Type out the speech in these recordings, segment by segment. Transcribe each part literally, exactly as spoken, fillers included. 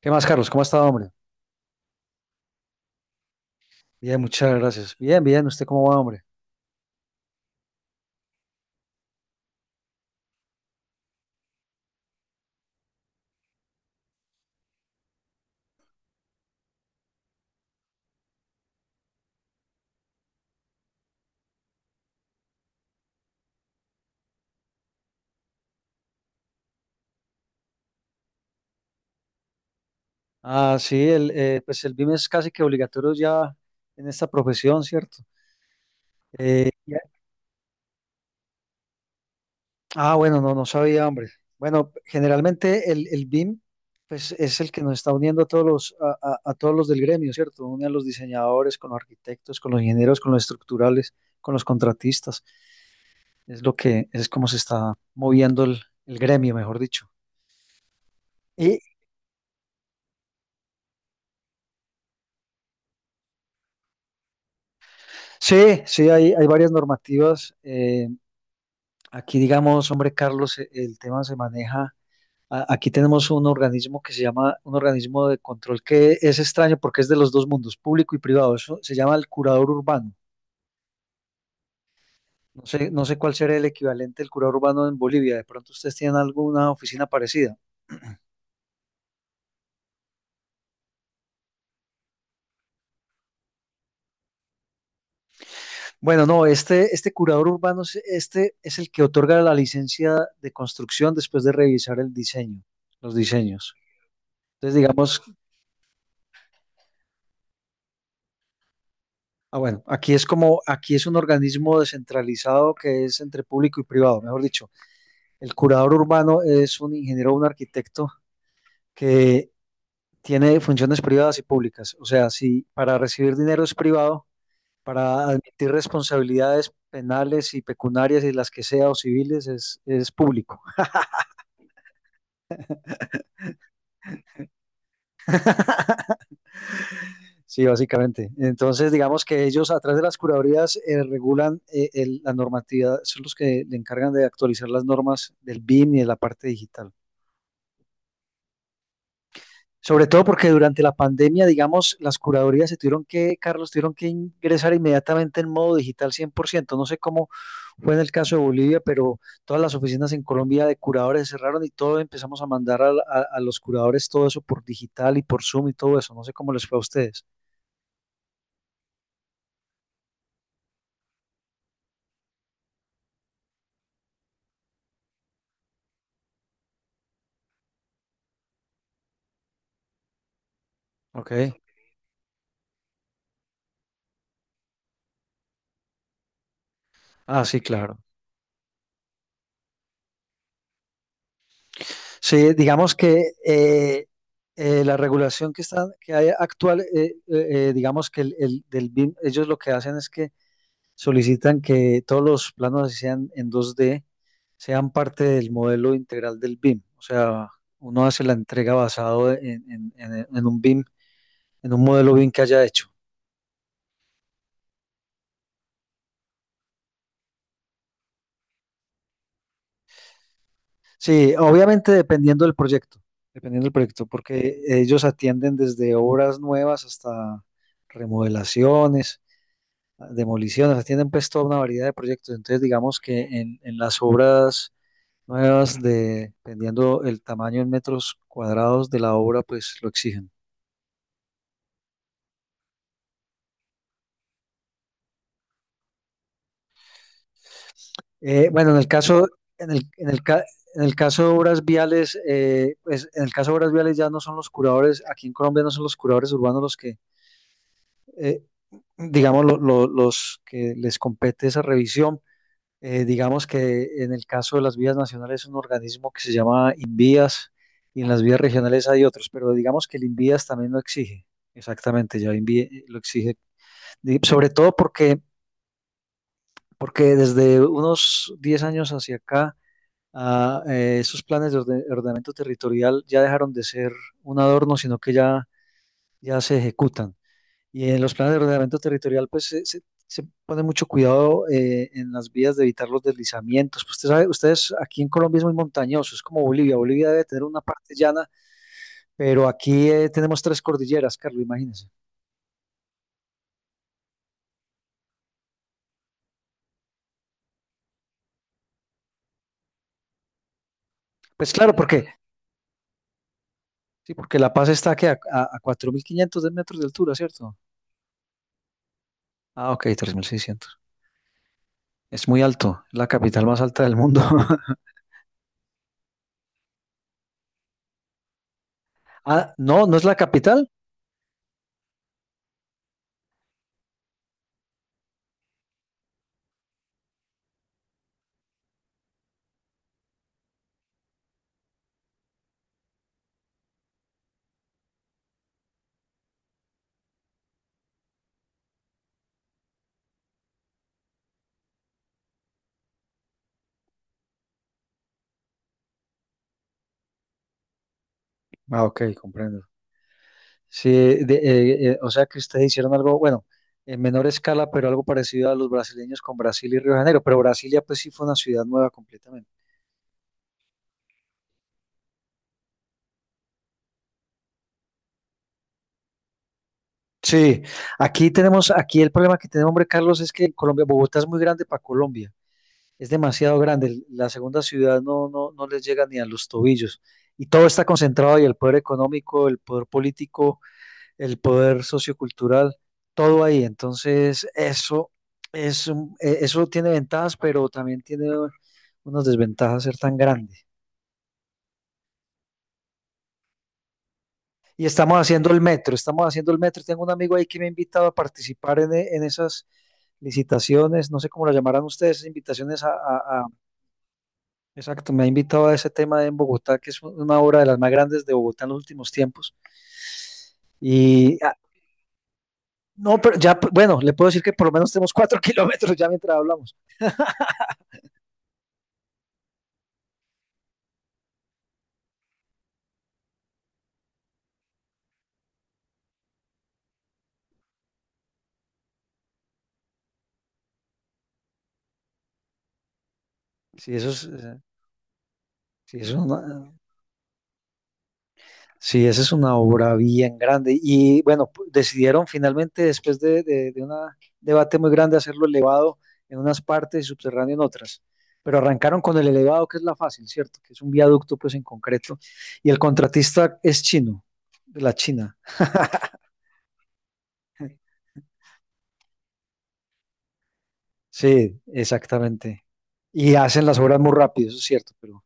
¿Qué más, Carlos? ¿Cómo ha estado, hombre? Bien, muchas gracias. Bien, bien. ¿Usted cómo va, hombre? Ah, sí, el, eh, pues el B I M es casi que obligatorio ya en esta profesión, ¿cierto? Eh, ya- ah, bueno, no, no sabía, hombre. Bueno, generalmente el, el B I M, pues es el que nos está uniendo a todos los, a, a- a todos los del gremio, ¿cierto? Une a los diseñadores, con los arquitectos, con los ingenieros, con los estructurales, con los contratistas. Es lo que, es como se está moviendo el, el gremio, mejor dicho. Y, Sí, sí, hay, hay varias normativas. Eh, aquí, digamos, hombre, Carlos, e- el tema se maneja. a- Aquí tenemos un organismo que se llama un organismo de control que es extraño porque es de los dos mundos, público y privado. Eso se llama el curador urbano. No sé, no sé cuál será el equivalente del curador urbano en Bolivia. De pronto ustedes tienen alguna oficina parecida. Bueno, no, este, este curador urbano, es- este es el que otorga la licencia de construcción después de revisar el diseño, los diseños. Entonces, digamos Ah, bueno, aquí es como, aquí es un organismo descentralizado que es entre público y privado, mejor dicho. El curador urbano es un ingeniero o un arquitecto que tiene funciones privadas y públicas. O sea, si para recibir dinero es privado, para admitir responsabilidades penales y pecuniarias y las que sea o civiles es, es público. Sí, básicamente. Entonces, digamos que ellos a través de las curadurías eh, regulan eh, el- la normatividad, son los que le encargan de actualizar las normas del B I M y de la parte digital. Sobre todo porque durante la pandemia, digamos, las curadorías se tuvieron que, Carlos, tuvieron que ingresar inmediatamente en modo digital cien por ciento. No sé cómo fue en el caso de Bolivia, pero todas las oficinas en Colombia de curadores se cerraron y todo empezamos a mandar a, a- a los curadores todo eso por digital y por Zoom y todo eso. No sé cómo les fue a ustedes. Ok. Ah, sí, claro. Sí, digamos que eh, eh, la regulación que está, que hay actual, eh, eh, eh, digamos que el, el- del B I M, ellos lo que hacen es que solicitan que todos los planos así sean en dos D sean parte del modelo integral del B I M. O sea, uno hace la entrega basado en, en- en- en un B I M, en un modelo B I M que haya hecho. Sí, obviamente dependiendo del proyecto, dependiendo del proyecto, porque ellos atienden desde obras nuevas hasta remodelaciones, demoliciones, atienden pues toda una variedad de proyectos. Entonces, digamos que en, en las obras nuevas de, dependiendo el tamaño en metros cuadrados de la obra, pues lo exigen. Eh, bueno, en el caso, en el, en el, ca- En el caso de obras viales, eh, pues en el caso de obras viales ya no son los curadores, aquí en Colombia no son los curadores urbanos los que, eh, digamos, lo- lo- los que les compete esa revisión. Eh, digamos que en el caso de las vías nacionales es un organismo que se llama INVÍAS y en las vías regionales hay otros, pero digamos que el INVÍAS también lo exige. Exactamente, ya INVÍAS eh, lo exige. Y sobre todo porque, porque desde unos diez años hacia acá, ah, eh, esos planes de orde- ordenamiento territorial ya dejaron de ser un adorno, sino que ya, ya se ejecutan. Y en los planes de ordenamiento territorial, pues se, se- se pone mucho cuidado eh, en las vías de evitar los deslizamientos. Pues, usted sabe, ustedes aquí en Colombia es muy montañoso, es como Bolivia. Bolivia debe tener una parte llana, pero aquí eh, tenemos tres cordilleras, Carlos, imagínense. Pues claro, porque, sí, porque La Paz está aquí a, a, a cuatro mil quinientos de metros de altura, ¿cierto? Ah, ok, tres mil seiscientos. Es muy alto, es la capital más alta del mundo. Ah, no, no es la capital. Ah, ok, comprendo. Sí, de- eh, eh, o sea que ustedes hicieron algo, bueno, en menor escala, pero algo parecido a los brasileños con Brasil y Río de Janeiro, pero Brasilia pues sí fue una ciudad nueva completamente. Sí, aquí tenemos, aquí el problema que tenemos, hombre, Carlos, es que Colombia, Bogotá es muy grande para Colombia, es demasiado grande, la segunda ciudad no, no, no les llega ni a los tobillos, y todo está concentrado y el poder económico, el poder político, el poder sociocultural, todo ahí. Entonces, eso, es un- eh, eso tiene ventajas, pero también tiene unas desventajas ser tan grande. Y estamos haciendo el metro, estamos haciendo el metro. Tengo un amigo ahí que me ha invitado a participar en, e- en esas licitaciones, no sé cómo las llamarán ustedes, esas invitaciones a, a- a- Exacto, me ha invitado a ese tema en Bogotá, que es una obra de las más grandes de Bogotá en los últimos tiempos. Y ah, no, pero ya, bueno, le puedo decir que por lo menos tenemos cuatro kilómetros ya mientras hablamos. Sí, eso es, eh, Sí, es una, sí, esa es una obra bien grande. Y bueno, pu- decidieron finalmente, después de, de, de un debate muy grande, hacerlo elevado en unas partes y subterráneo en otras. Pero arrancaron con el elevado, que es la fácil, ¿cierto? Que es un viaducto, pues en concreto. Y el contratista es chino, de la China. Sí, exactamente. Y hacen las obras muy rápido, eso es cierto, pero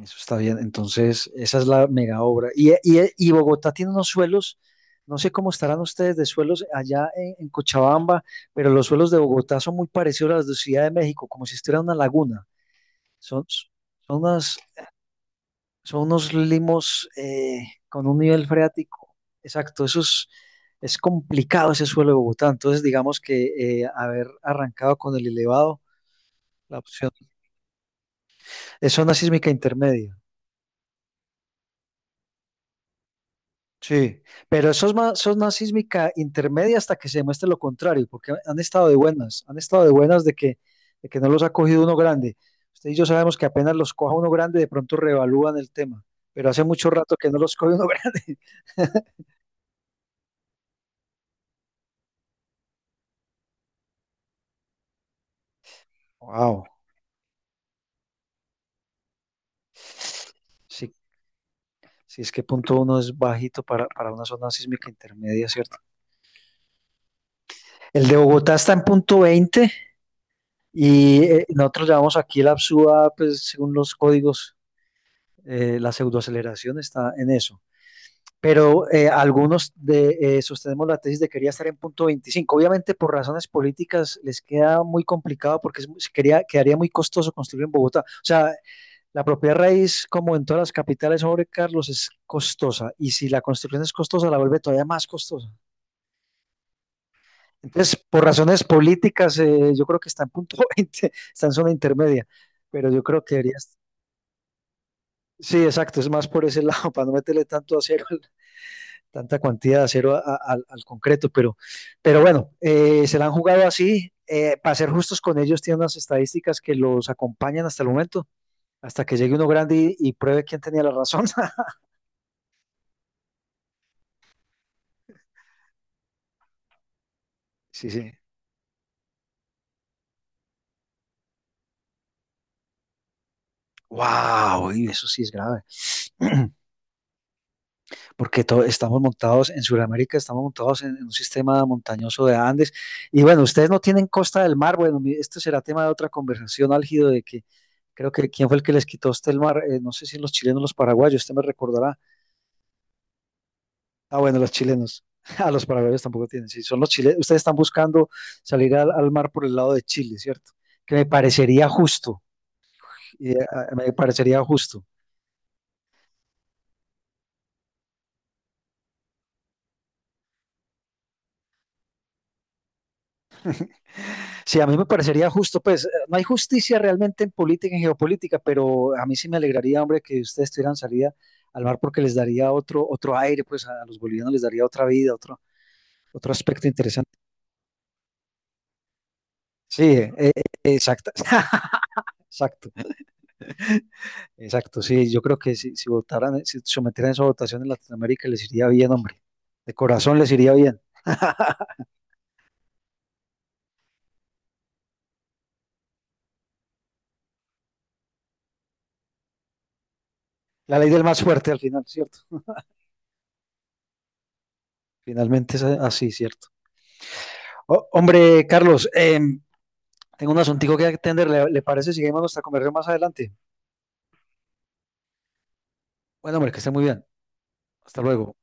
eso está bien. Entonces, esa es la mega obra. Y, y- y Bogotá tiene unos suelos, no sé cómo estarán ustedes de suelos allá en, en Cochabamba, pero los suelos de Bogotá son muy parecidos a los de Ciudad de México, como si estuviera una laguna. Son, son unas, son unos limos eh, con un nivel freático. Exacto, eso es, es complicado ese suelo de Bogotá. Entonces, digamos que eh, haber arrancado con el elevado, la opción es zona sísmica intermedia. Sí, pero eso es más, eso es más sísmica intermedia hasta que se demuestre lo contrario, porque han estado de buenas, han estado de buenas de que, de que no los ha cogido uno grande. Usted y yo sabemos que apenas los coja uno grande, de pronto reevalúan el tema, pero hace mucho rato que no los coge uno grande. Wow, sí, sí, es que punto uno es bajito para, para una zona sísmica intermedia, ¿cierto? El de Bogotá está en punto veinte y eh, nosotros llamamos aquí la P S U A, pues según los códigos, eh, la pseudoaceleración está en eso. Pero eh, algunos de, eh, sostenemos la tesis de quería estar en punto veinticinco. Obviamente por razones políticas les queda muy complicado porque es quería, quedaría muy costoso construir en Bogotá. O sea, la propiedad raíz, como en todas las capitales sobre Carlos, es costosa y si la construcción es costosa, la vuelve todavía más costosa. Entonces, por razones políticas, eh, yo creo que está en punto veinte, está en zona intermedia, pero yo creo que debería... Sí, exacto, es más por ese lado, para no meterle tanto acero tanta cantidad de acero a- a- al- concreto, pero, pero bueno, eh, se la han jugado así. Eh, para ser justos con ellos, tienen unas estadísticas que los acompañan hasta el momento, hasta que llegue uno grande y, y pruebe quién tenía la razón. Sí, sí. Wow, y eso sí es grave, porque to- estamos montados en Sudamérica, estamos montados en, en un sistema montañoso de Andes. Y bueno, ustedes no tienen costa del mar. Bueno, esto será tema de otra conversación álgido de que creo que quién fue el que les quitó a usted el mar. Eh, no sé si los chilenos o los paraguayos, usted me recordará. Ah, bueno, los chilenos. Ah, los paraguayos tampoco tienen. Sí, son los chilenos. Ustedes están buscando salir al, al mar por el lado de Chile, ¿cierto? Que me parecería justo. y, eh, ah, me parecería justo. Sí, a mí me parecería justo, pues eh, no hay justicia realmente en política, en geopolítica, pero a mí sí me alegraría, hombre, que ustedes tuvieran salida al mar porque les daría otro, otro aire, pues a los bolivianos les daría otra vida, otro, otro aspecto interesante. Sí, eh, eh, exacto, exacto. Exacto, sí, yo creo que si, si votaran, eh, si sometieran esa votación en Latinoamérica les iría bien, hombre. De corazón les iría bien. La ley del más fuerte al final, ¿cierto? Finalmente es a- así, ¿cierto? Oh, hombre, Carlos, eh, tengo un asuntico que atender. ¿Le, le parece si seguimos nuestra conversación más adelante? Bueno, hombre, que esté muy bien. Hasta luego.